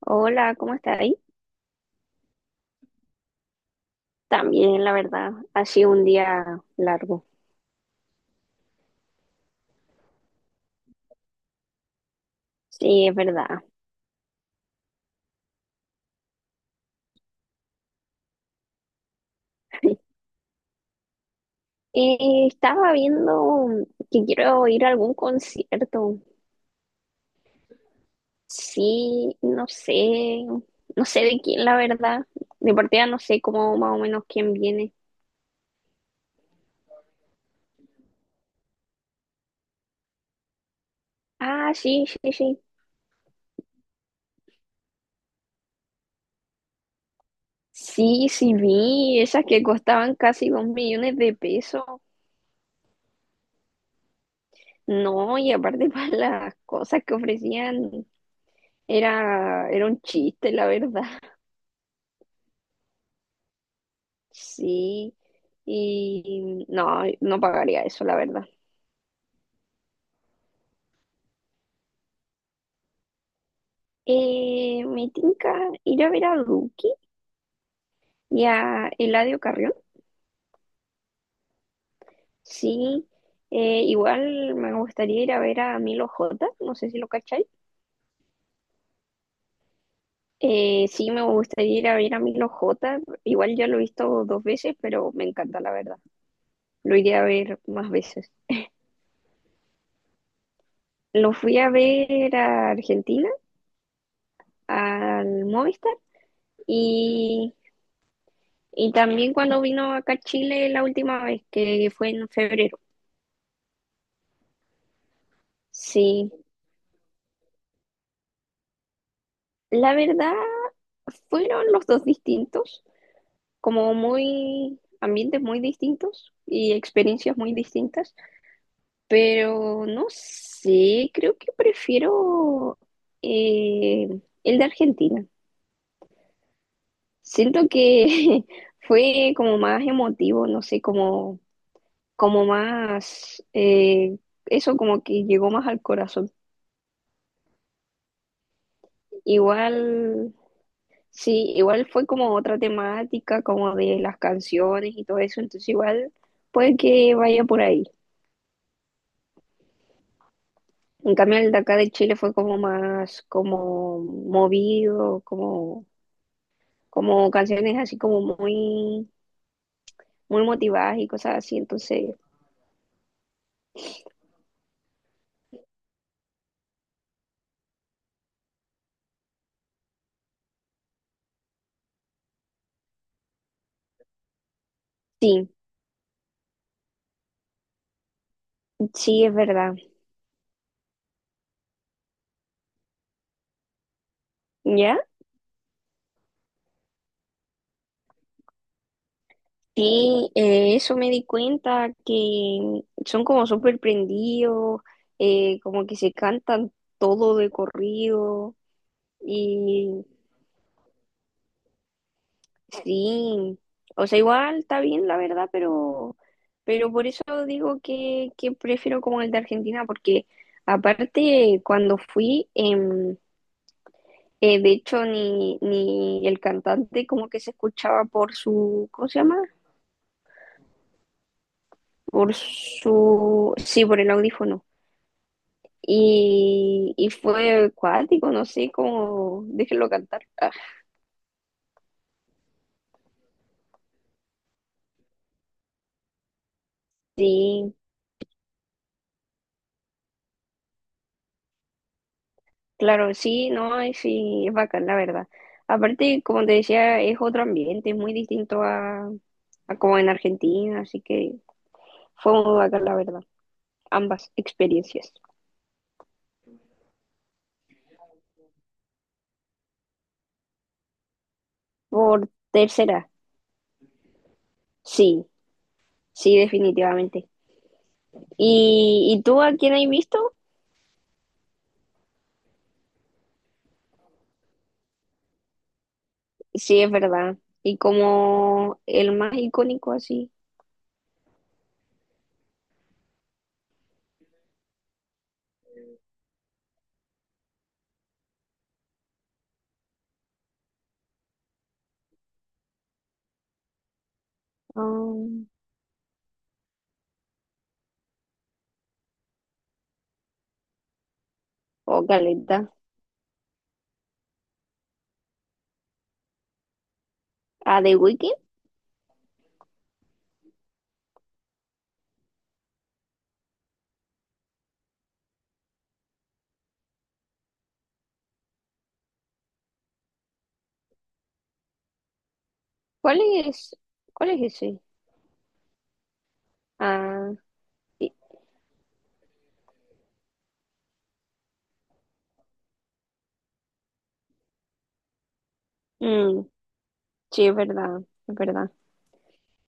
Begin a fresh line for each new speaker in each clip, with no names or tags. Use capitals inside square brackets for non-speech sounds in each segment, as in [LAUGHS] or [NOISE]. Hola, ¿cómo está ahí? También, la verdad, ha sido un día largo. Sí, es verdad. Estaba viendo que quiero ir a algún concierto. Sí, no sé, no sé de quién, la verdad. De partida no sé cómo más o menos quién viene. Ah, sí, sí, sí. Sí, sí, vi esas que costaban casi dos millones de pesos. No, y aparte [LAUGHS] para las cosas que ofrecían, era un chiste, la verdad. Sí. Y no, no pagaría eso, la verdad. Me tinca ir a ver a Duki y a Eladio Carrión. Sí, igual me gustaría ir a ver a Milo J, no sé si lo cacháis. Sí, me gustaría ir a ver a Milo J. Igual ya lo he visto dos veces, pero me encanta, la verdad. Lo iría a ver más veces. Lo fui a ver a Argentina, al Movistar, y, y también cuando vino acá a Chile la última vez, que fue en febrero. Sí, la verdad fueron los dos distintos, como muy ambientes muy distintos y experiencias muy distintas, pero no sé, creo que prefiero eh, el de Argentina. Siento que [LAUGHS] fue como más emotivo, no sé, como, como más, eso como que llegó más al corazón. Igual sí, igual fue como otra temática, como de las canciones y todo eso, entonces igual puede que vaya por ahí. En cambio, el de acá de Chile fue como más como movido, como, como canciones así como muy, muy motivadas y cosas así, entonces sí, sí es verdad. ¿Ya? Sí, eso me di cuenta que son como súper prendidos, como que se cantan todo de corrido. Sí, o sea, igual está bien, la verdad, pero por eso digo que prefiero como el de Argentina, porque aparte cuando fui, de hecho, ni el cantante como que se escuchaba por su, ¿cómo se llama? Por su, sí, por el audífono. Y fue acuático, no sé cómo, déjenlo cantar. Ah, sí. Claro, sí, no, y sí, es bacán, la verdad. Aparte, como te decía, es otro ambiente, es muy distinto a como en Argentina, así que fue muy bacán, la verdad, ambas experiencias. Por tercera, sí, sí, definitivamente. Y tú a quién has visto? Sí, es verdad. Y como el más icónico así, um, o Caleta. ¿A The Weeknd? ¿Cuál es, cuál es ese? Ah, y- mm, sí, es verdad, es verdad.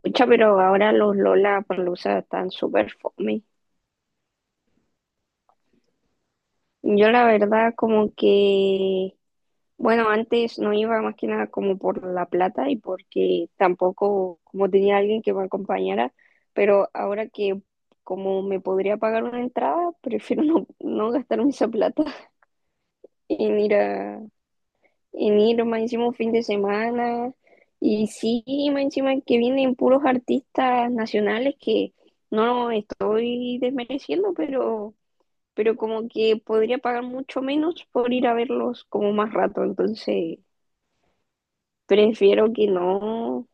Pucha, pero ahora los Lola Lollapalooza están súper fome. Yo la verdad como que, bueno, antes no iba más que nada como por la plata y porque tampoco como tenía alguien que me acompañara, pero ahora que como me podría pagar una entrada, prefiero no, no gastarme esa plata [LAUGHS] en ir a, en ir más encima un fin de semana. Y sí, más encima que vienen puros artistas nacionales que no estoy desmereciendo, pero como que podría pagar mucho menos por ir a verlos como más rato, entonces prefiero que no.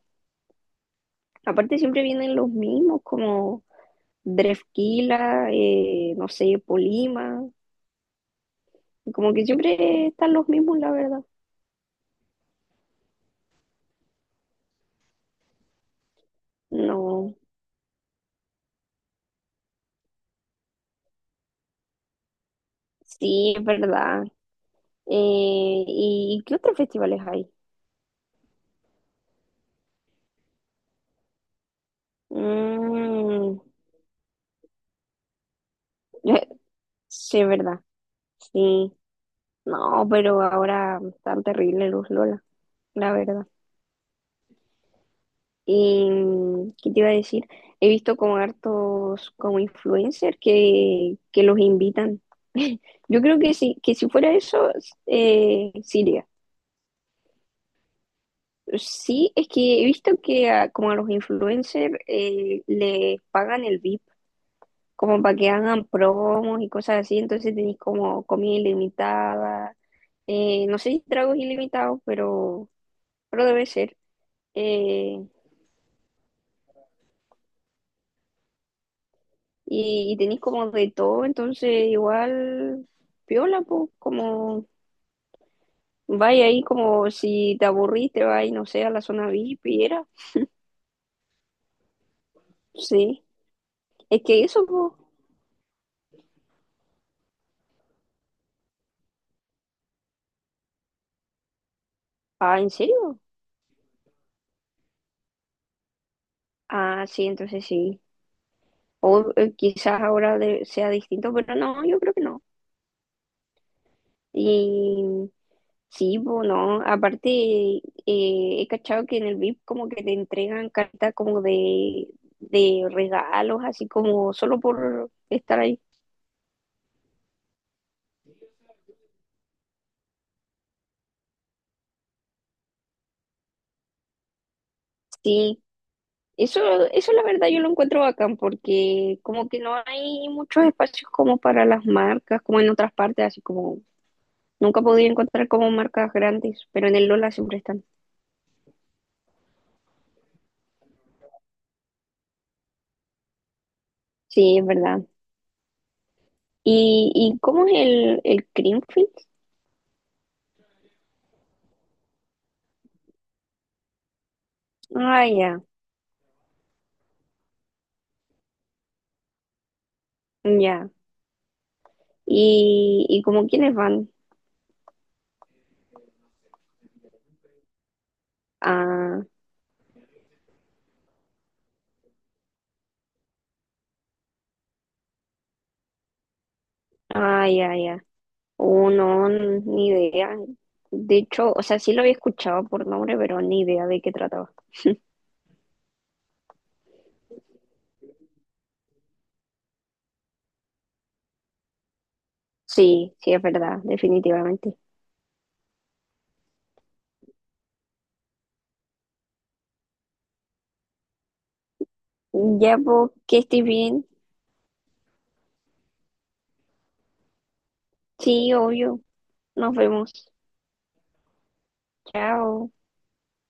Aparte siempre vienen los mismos, como Drefquila, no sé, Polima, como que siempre están los mismos, la verdad. No, sí, es verdad. ¿Y qué otros festivales hay? Mm, [LAUGHS] sí, es verdad, sí. No, pero ahora están terribles los Lola, la verdad. Y, ¿qué te iba a decir? He visto como hartos como influencers que los invitan. [LAUGHS] Yo creo que sí que si fuera eso, sí iría. Sí, es que he visto que a, como a los influencers les pagan el VIP, como para que hagan promos y cosas así, entonces tenéis como comida ilimitada, no sé si tragos ilimitados, pero debe ser. eh, y, y tenéis como de todo, entonces igual piola, pues, como vaya ahí como si te aburrís, te vas, no sé, a la zona VIP y era. Sí, es que eso, pues, ah, ¿en serio? Ah, sí, entonces sí. O quizás ahora de- sea distinto, pero no, yo creo que no. Y sí, pues no, aparte he cachado que en el VIP como que te entregan cartas como de regalos, así como solo por estar ahí. Sí, Eso, eso la verdad yo lo encuentro bacán porque como que no hay muchos espacios como para las marcas, como en otras partes, así como nunca podía encontrar como marcas grandes, pero en el Lola siempre están. Sí, es verdad. Y cómo es el Creamfields? Ah, ya, ya. Y como quiénes van? Ah, ah, ya, ya. Oh, no, ni idea. De hecho, o sea, sí lo había escuchado por nombre, pero ni idea de qué trataba. Sí, sí, es verdad, definitivamente. Ya, pues, que estés bien. Sí, obvio. Nos vemos. Chao.